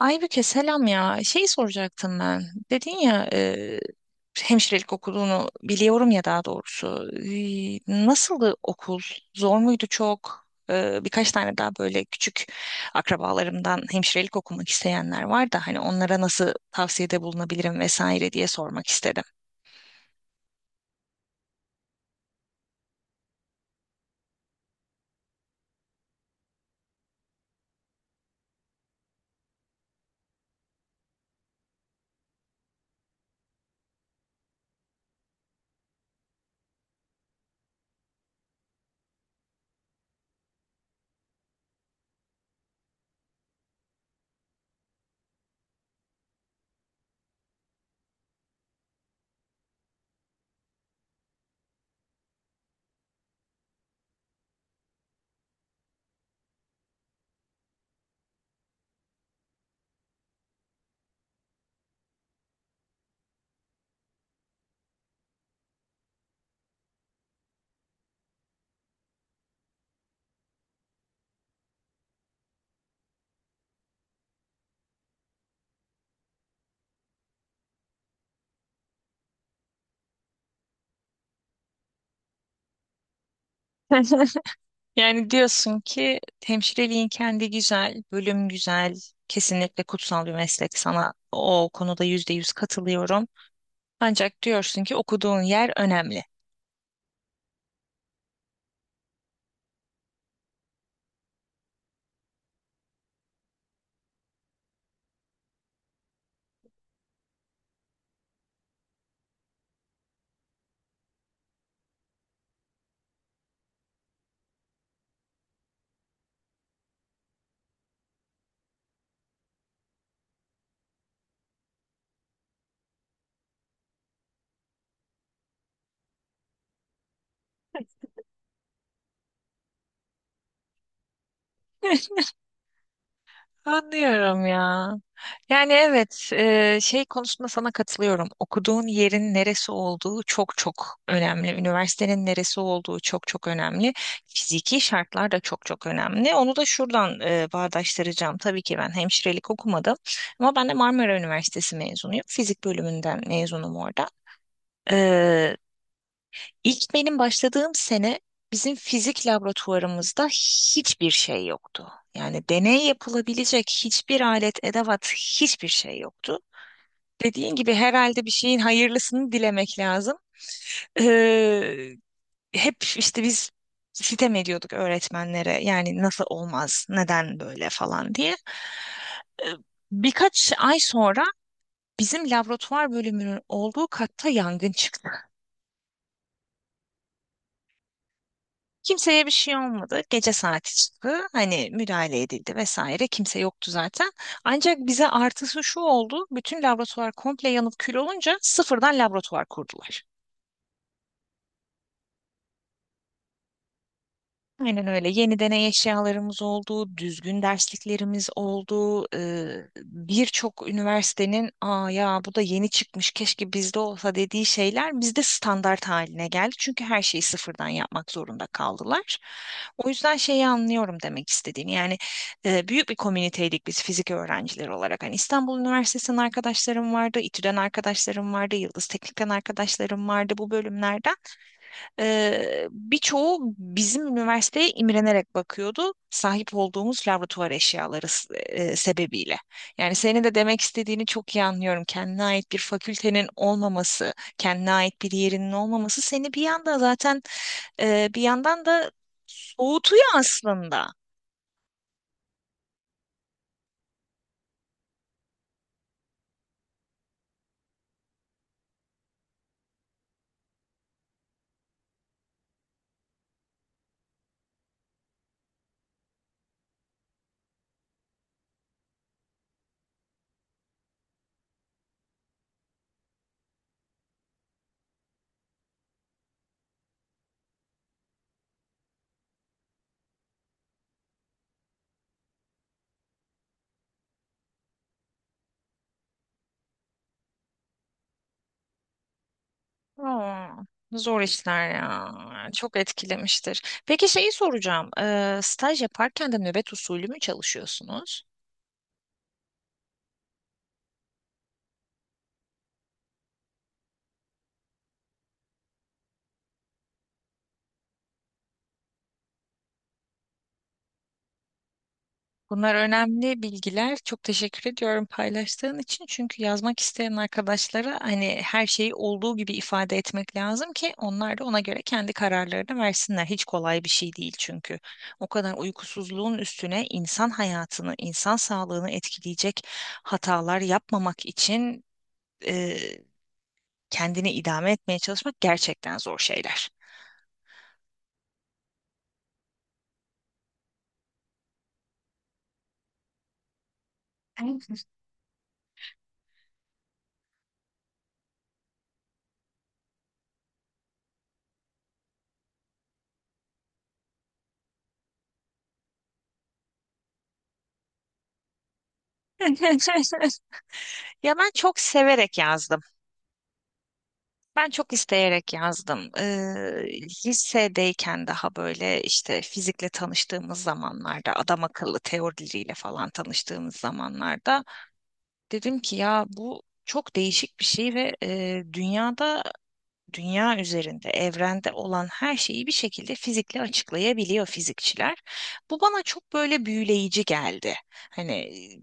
Aybüke, selam ya. Şey soracaktım ben. Dedin ya hemşirelik okuduğunu biliyorum ya, daha doğrusu. Nasıldı okul? Zor muydu çok? Birkaç tane daha böyle küçük akrabalarımdan hemşirelik okumak isteyenler var da hani onlara nasıl tavsiyede bulunabilirim vesaire diye sormak istedim. Yani diyorsun ki hemşireliğin kendi güzel, bölüm güzel, kesinlikle kutsal bir meslek. Sana o konuda %100 katılıyorum. Ancak diyorsun ki okuduğun yer önemli. Anlıyorum ya. Yani evet, şey konusunda sana katılıyorum. Okuduğun yerin neresi olduğu çok çok önemli. Üniversitenin neresi olduğu çok çok önemli. Fiziki şartlar da çok çok önemli. Onu da şuradan bağdaştıracağım. Tabii ki ben hemşirelik okumadım ama ben de Marmara Üniversitesi mezunuyum. Fizik bölümünden mezunum orada. E, İlk benim başladığım sene bizim fizik laboratuvarımızda hiçbir şey yoktu. Yani deney yapılabilecek hiçbir alet, edevat, hiçbir şey yoktu. Dediğin gibi herhalde bir şeyin hayırlısını dilemek lazım. Ee, Hep işte biz sitem ediyorduk öğretmenlere. Yani nasıl olmaz, neden böyle falan diye. Ee, Birkaç ay sonra bizim laboratuvar bölümünün olduğu katta yangın çıktı. Kimseye bir şey olmadı. Gece saati çıktı. Hani müdahale edildi vesaire. Kimse yoktu zaten. Ancak bize artısı şu oldu. Bütün laboratuvar komple yanıp kül olunca sıfırdan laboratuvar kurdular. Aynen öyle. Yeni deney eşyalarımız oldu, düzgün dersliklerimiz oldu. Birçok üniversitenin "Aa ya bu da yeni çıkmış, keşke bizde olsa" dediği şeyler bizde standart haline geldi. Çünkü her şeyi sıfırdan yapmak zorunda kaldılar. O yüzden şeyi anlıyorum demek istediğini. Yani büyük bir komüniteydik biz fizik öğrencileri olarak. Hani İstanbul Üniversitesi'nden arkadaşlarım vardı, İTÜ'den arkadaşlarım vardı, Yıldız Teknik'ten arkadaşlarım vardı bu bölümlerden. Birçoğu bizim üniversiteye imrenerek bakıyordu sahip olduğumuz laboratuvar eşyaları sebebiyle. Yani senin de demek istediğini çok iyi anlıyorum. Kendine ait bir fakültenin olmaması, kendine ait bir yerinin olmaması seni bir yanda zaten bir yandan da soğutuyor aslında. Aa, zor işler ya. Çok etkilemiştir. Peki şeyi soracağım. Staj yaparken de nöbet usulü mü çalışıyorsunuz? Bunlar önemli bilgiler. Çok teşekkür ediyorum paylaştığın için. Çünkü yazmak isteyen arkadaşlara hani her şeyi olduğu gibi ifade etmek lazım ki onlar da ona göre kendi kararlarını versinler. Hiç kolay bir şey değil çünkü. O kadar uykusuzluğun üstüne insan hayatını, insan sağlığını etkileyecek hatalar yapmamak için kendini idame etmeye çalışmak gerçekten zor şeyler. Evet. Ya ben çok severek yazdım. Ben çok isteyerek yazdım. Lisedeyken daha böyle işte fizikle tanıştığımız zamanlarda, adam akıllı teorileriyle falan tanıştığımız zamanlarda dedim ki ya bu çok değişik bir şey, ve dünyada, dünya üzerinde, evrende olan her şeyi bir şekilde fizikle açıklayabiliyor fizikçiler. Bu bana çok böyle büyüleyici geldi. Hani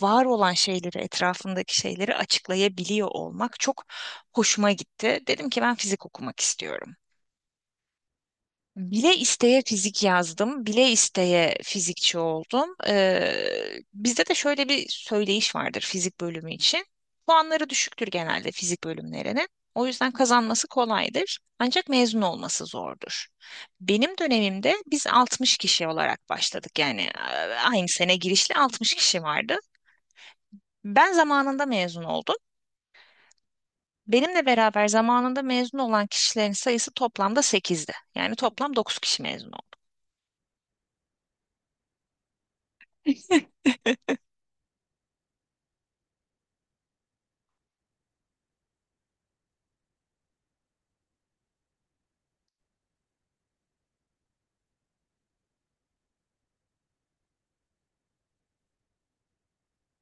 var olan şeyleri, etrafındaki şeyleri açıklayabiliyor olmak çok hoşuma gitti. Dedim ki ben fizik okumak istiyorum. Bile isteye fizik yazdım, bile isteye fizikçi oldum. Bizde de şöyle bir söyleyiş vardır fizik bölümü için. Puanları düşüktür genelde fizik bölümlerinin. O yüzden kazanması kolaydır. Ancak mezun olması zordur. Benim dönemimde biz 60 kişi olarak başladık. Yani aynı sene girişli 60 kişi vardı. Ben zamanında mezun oldum. Benimle beraber zamanında mezun olan kişilerin sayısı toplamda 8'di. Yani toplam 9 kişi mezun.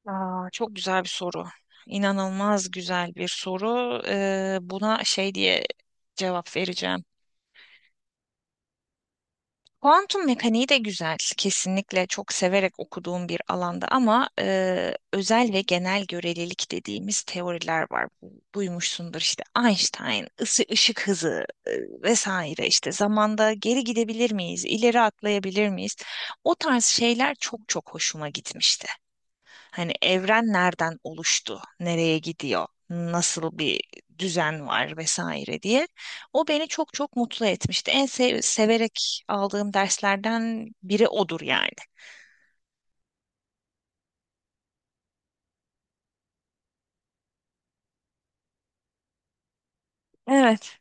Aa, çok güzel bir soru. İnanılmaz güzel bir soru. Buna şey diye cevap vereceğim. Kuantum mekaniği de güzel. Kesinlikle çok severek okuduğum bir alanda, ama özel ve genel görelilik dediğimiz teoriler var. Bu- duymuşsundur işte Einstein, ısı ışık hızı vesaire, işte zamanda geri gidebilir miyiz, ileri atlayabilir miyiz? O tarz şeyler çok çok hoşuma gitmişti. Hani evren nereden oluştu, nereye gidiyor, nasıl bir düzen var vesaire diye. O beni çok çok mutlu etmişti. En severek aldığım derslerden biri odur yani. Evet,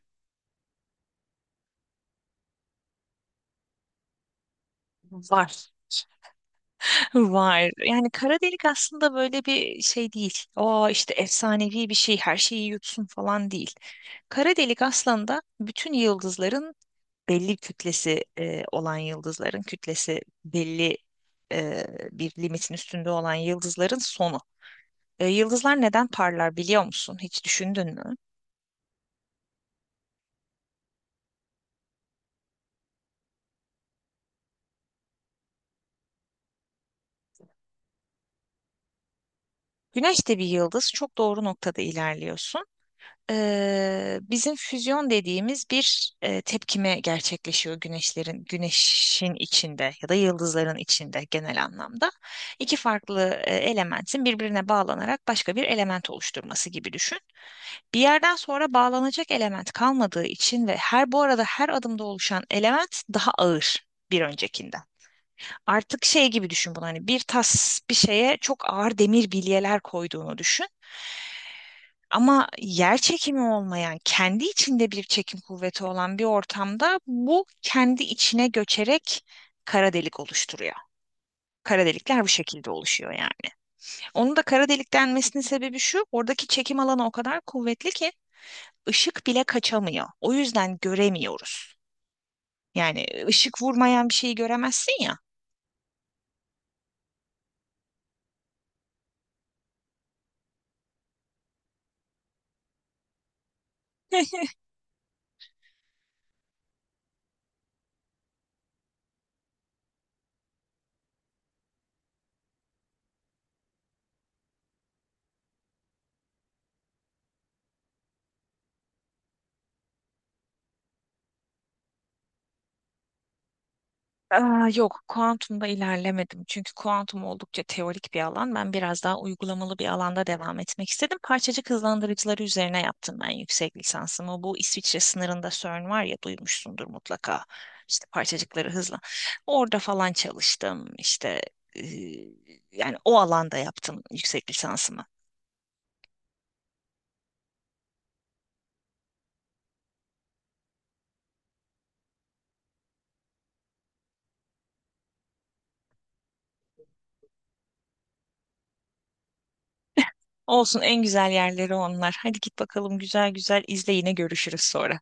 var. Var. Yani kara delik aslında böyle bir şey değil. O işte efsanevi bir şey, her şeyi yutsun falan değil. Kara delik aslında bütün yıldızların belli kütlesi olan yıldızların kütlesi belli e, bir limitin üstünde olan yıldızların sonu. E, yıldızlar neden parlar biliyor musun? Hiç düşündün mü? Güneş de bir yıldız. Çok doğru noktada ilerliyorsun. Bizim füzyon dediğimiz bir tepkime gerçekleşiyor güneşin içinde, ya da yıldızların içinde genel anlamda. İki farklı elementin birbirine bağlanarak başka bir element oluşturması gibi düşün. Bir yerden sonra bağlanacak element kalmadığı için, ve her bu arada her adımda oluşan element daha ağır bir öncekinden. Artık şey gibi düşün bunu, hani bir tas bir şeye çok ağır demir bilyeler koyduğunu düşün. Ama yer çekimi olmayan, kendi içinde bir çekim kuvveti olan bir ortamda bu kendi içine göçerek kara delik oluşturuyor. Kara delikler bu şekilde oluşuyor yani. Onun da kara delik denmesinin sebebi şu: oradaki çekim alanı o kadar kuvvetli ki ışık bile kaçamıyor. O yüzden göremiyoruz. Yani ışık vurmayan bir şeyi göremezsin ya. Aa, yok, kuantumda ilerlemedim. Çünkü kuantum oldukça teorik bir alan. Ben biraz daha uygulamalı bir alanda devam etmek istedim. Parçacık hızlandırıcıları üzerine yaptım ben yüksek lisansımı. Bu İsviçre sınırında CERN var ya, duymuşsundur mutlaka. İşte parçacıkları hızla. Orada falan çalıştım. İşte e, yani o alanda yaptım yüksek lisansımı. Olsun, en güzel yerleri onlar. Hadi git bakalım, güzel güzel izle, yine görüşürüz sonra.